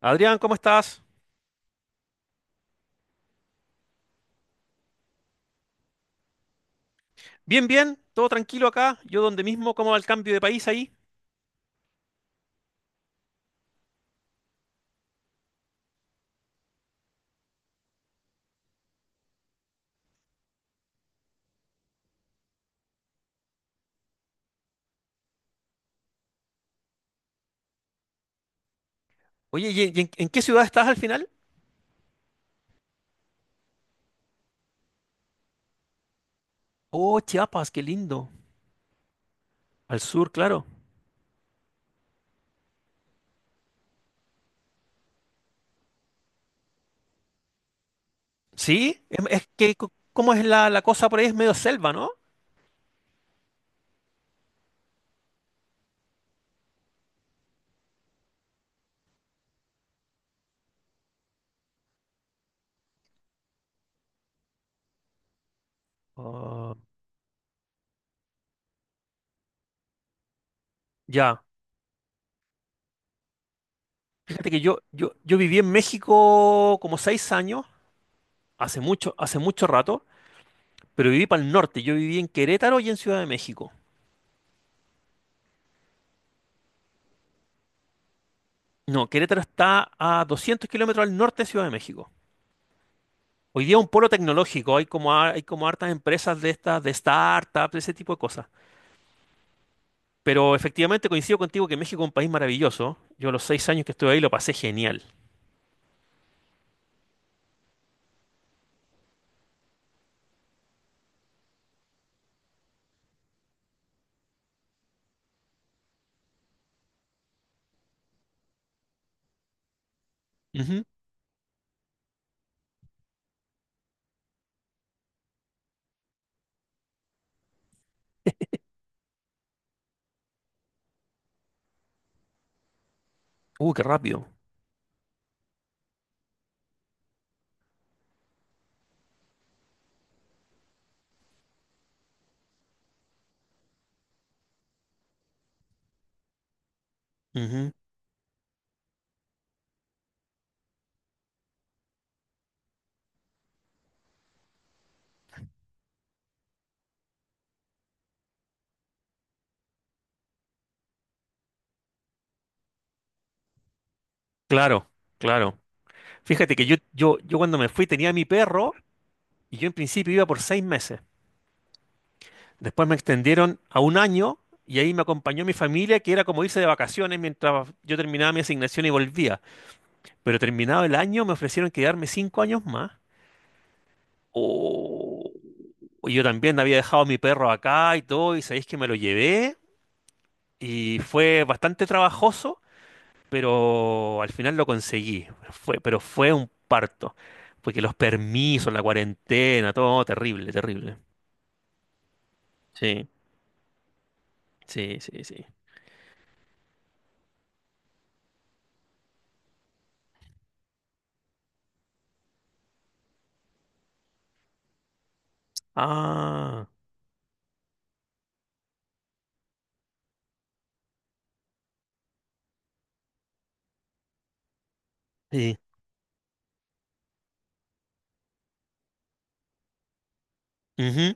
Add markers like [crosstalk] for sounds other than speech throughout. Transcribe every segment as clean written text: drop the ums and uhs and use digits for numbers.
Adrián, ¿cómo estás? Bien, bien, todo tranquilo acá. Yo donde mismo, ¿cómo va el cambio de país ahí? Oye, ¿y en qué ciudad estás al final? Oh, Chiapas, qué lindo. Al sur, claro. Sí, es que, ¿cómo es la cosa por ahí? Es medio selva, ¿no? Ah, ya. Fíjate que yo viví en México como 6 años, hace mucho rato, pero viví para el norte. Yo viví en Querétaro y en Ciudad de México. No, Querétaro está a 200 kilómetros al norte de Ciudad de México. Hoy día un polo tecnológico, hay como, hay como hartas empresas de estas, de startups, de ese tipo de cosas. Pero efectivamente coincido contigo que México es un país maravilloso. Yo los 6 años que estuve ahí lo pasé genial. Ujú. Qué rápido. Ujú. Claro, claro. Fíjate que yo cuando me fui tenía mi perro y yo en principio iba por 6 meses. Después me extendieron a un año y ahí me acompañó mi familia, que era como irse de vacaciones mientras yo terminaba mi asignación y volvía. Pero terminado el año me ofrecieron quedarme 5 años más. Oh, yo también había dejado a mi perro acá y todo, y sabéis que me lo llevé y fue bastante trabajoso, pero al final lo conseguí. Fue, pero fue un parto, porque los permisos, la cuarentena, todo terrible, terrible. Sí, sí, sí, sí. Ah, sí. Ujú,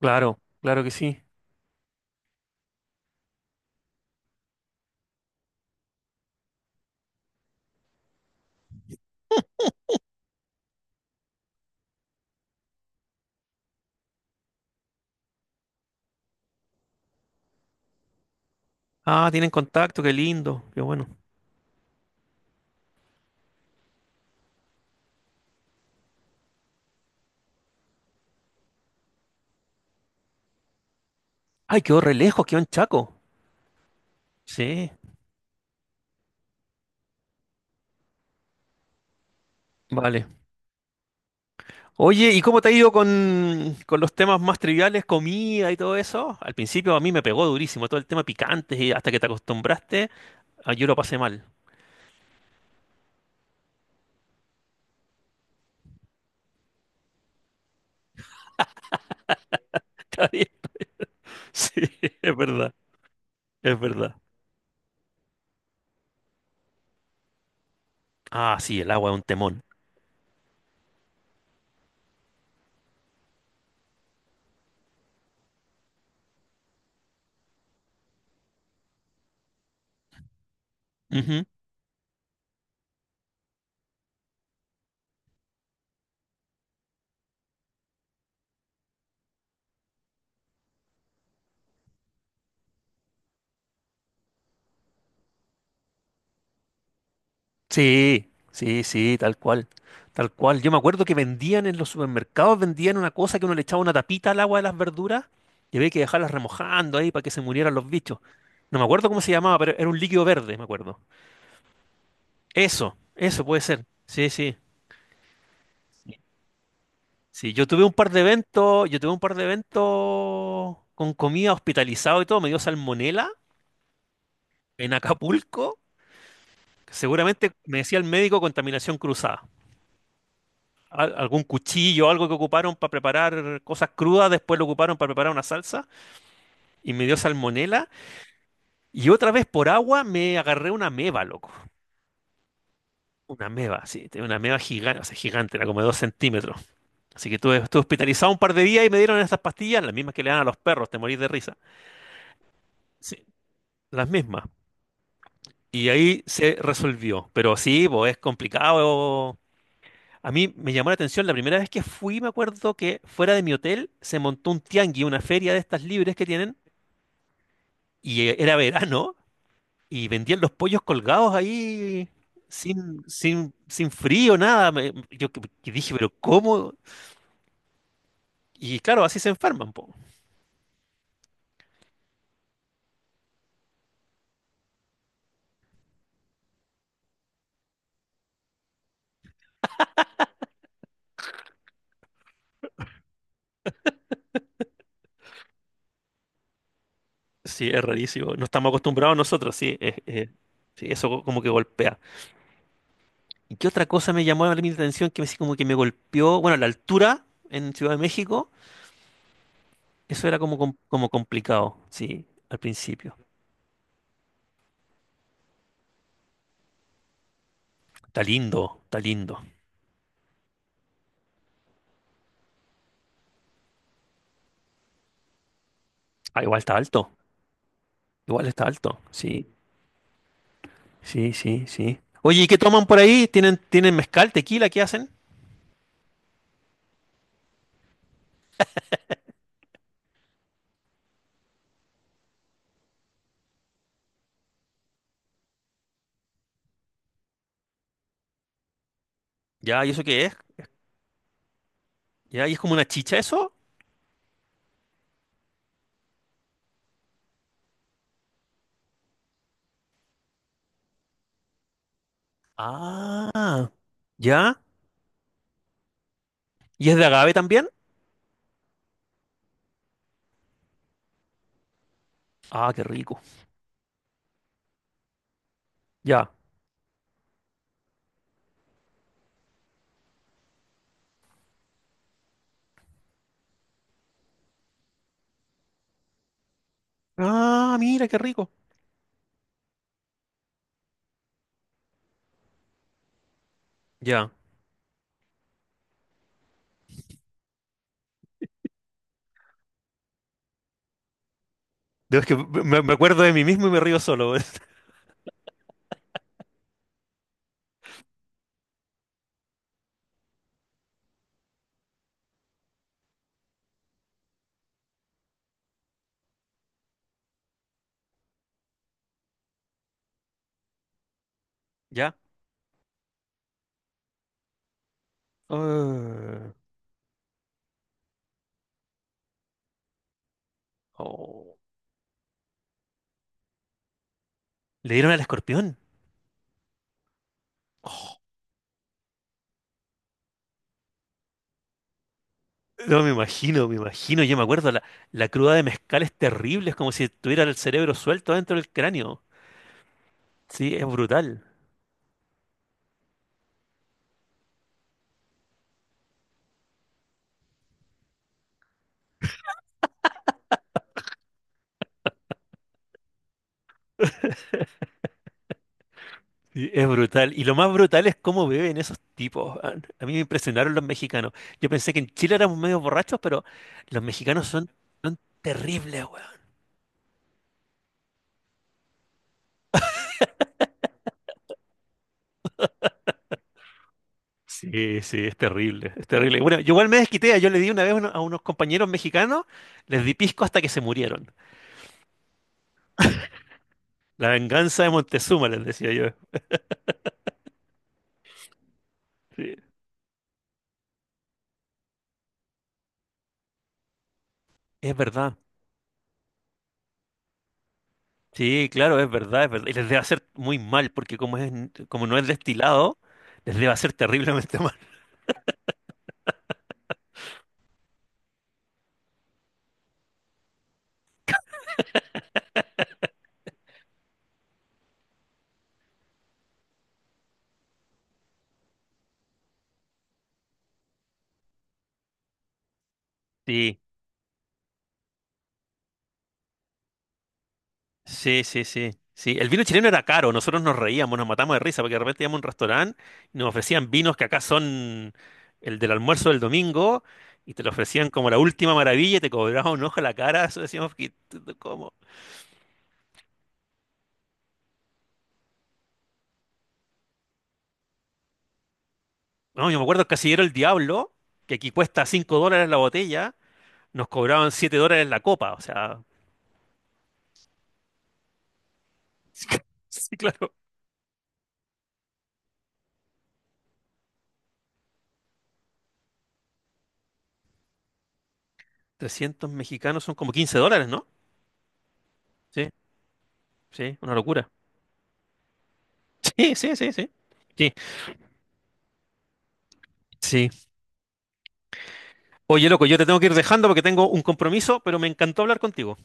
claro, claro que sí. Ah, tienen contacto, qué lindo, qué bueno. Ay, quedó re lejos, quedó en Chaco. Sí, vale. Oye, ¿y cómo te ha ido con los temas más triviales, comida y todo eso? Al principio a mí me pegó durísimo todo el tema picante y hasta que te acostumbraste, ah, yo lo pasé mal. [laughs] Está bien. Sí, es verdad, es verdad. Ah, sí, el agua es un temón. Ujú. Sí, sí, sí, tal cual, tal cual. Yo me acuerdo que vendían en los supermercados, vendían una cosa que uno le echaba una tapita al agua de las verduras y había que dejarlas remojando ahí para que se murieran los bichos. No me acuerdo cómo se llamaba, pero era un líquido verde, me acuerdo. Eso puede ser. Sí, sí. Sí, yo tuve un par de eventos, yo tuve un par de eventos con comida hospitalizado y todo, me dio salmonela en Acapulco. Seguramente me decía el médico contaminación cruzada. Algún cuchillo, algo que ocuparon para preparar cosas crudas, después lo ocuparon para preparar una salsa y me dio salmonela. Y otra vez por agua me agarré una meba, loco. Una meba, sí, tenía una meba gigante, o sea, gigante, era como de 2 centímetros. Así que estuve hospitalizado un par de días y me dieron estas pastillas, las mismas que le dan a los perros, te morís de risa. Sí. Las mismas. Y ahí se resolvió. Pero sí, pues es complicado. A mí me llamó la atención la primera vez que fui, me acuerdo que fuera de mi hotel se montó un tianguis, una feria de estas libres que tienen, y era verano, y vendían los pollos colgados ahí sin frío, nada. Yo que dije, pero ¿cómo? Y claro, así se enferman, pues. Sí, es rarísimo. No estamos acostumbrados nosotros, sí. Sí, eso como que golpea. ¿Y qué otra cosa me llamó mi atención que me, sí como que me golpeó? Bueno, la altura en Ciudad de México, eso era como, como complicado, sí, al principio. Está lindo, está lindo. Ah, igual está alto, sí, sí, sí, sí. Oye, ¿y qué toman por ahí? ¿Tienen mezcal, tequila? ¿Qué hacen? Ya, ¿y eso qué es? ¿Ya? ¿Y es como una chicha eso? Ah, ¿ya? ¿Y es de agave también? Ah, qué rico. Ya. Ah, mira, qué rico. Ya. Dios, que me acuerdo de mí mismo y me río solo. [laughs] Ya. Ah. Oh. Le dieron al escorpión. Oh, no me imagino, me imagino. Yo me acuerdo, la cruda de mezcal es terrible. Es como si tuviera el cerebro suelto dentro del cráneo. Sí, es brutal. Sí, es brutal. Y lo más brutal es cómo beben esos tipos. Weón. A mí me impresionaron los mexicanos. Yo pensé que en Chile éramos medio borrachos, pero los mexicanos son, terribles, weón. Sí, sí, es terrible, es terrible. Bueno, yo igual me desquité, yo le di una vez a a unos compañeros mexicanos, les di pisco hasta que se murieron. La venganza de Montezuma, les decía yo. Sí, es verdad. Sí, claro, es verdad, es verdad. Y les debe hacer muy mal, porque como es, como no es destilado, les debe hacer terriblemente [laughs] mal. sí, sí, sí, sí. Sí, el vino chileno era caro, nosotros nos reíamos, nos matamos de risa, porque de repente íbamos a un restaurante y nos ofrecían vinos que acá son el del almuerzo del domingo, y te lo ofrecían como la última maravilla y te cobraban un ojo a la cara, [laughs] eso decíamos que, ¿cómo? No, yo me acuerdo el Casillero el Diablo, que aquí cuesta 5 dólares la botella, nos cobraban 7 dólares la copa, o sea, [laughs] sí, claro, trescientos mexicanos son como 15 dólares, ¿no? Sí, sí, una locura. [laughs] Sí, sí, sí, sí. Sí, sí. Oye, loco, yo te tengo que ir dejando porque tengo un compromiso, pero me encantó hablar contigo.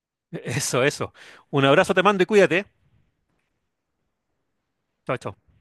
[laughs] Eso, eso. Un abrazo te mando y cuídate. Chao, chao.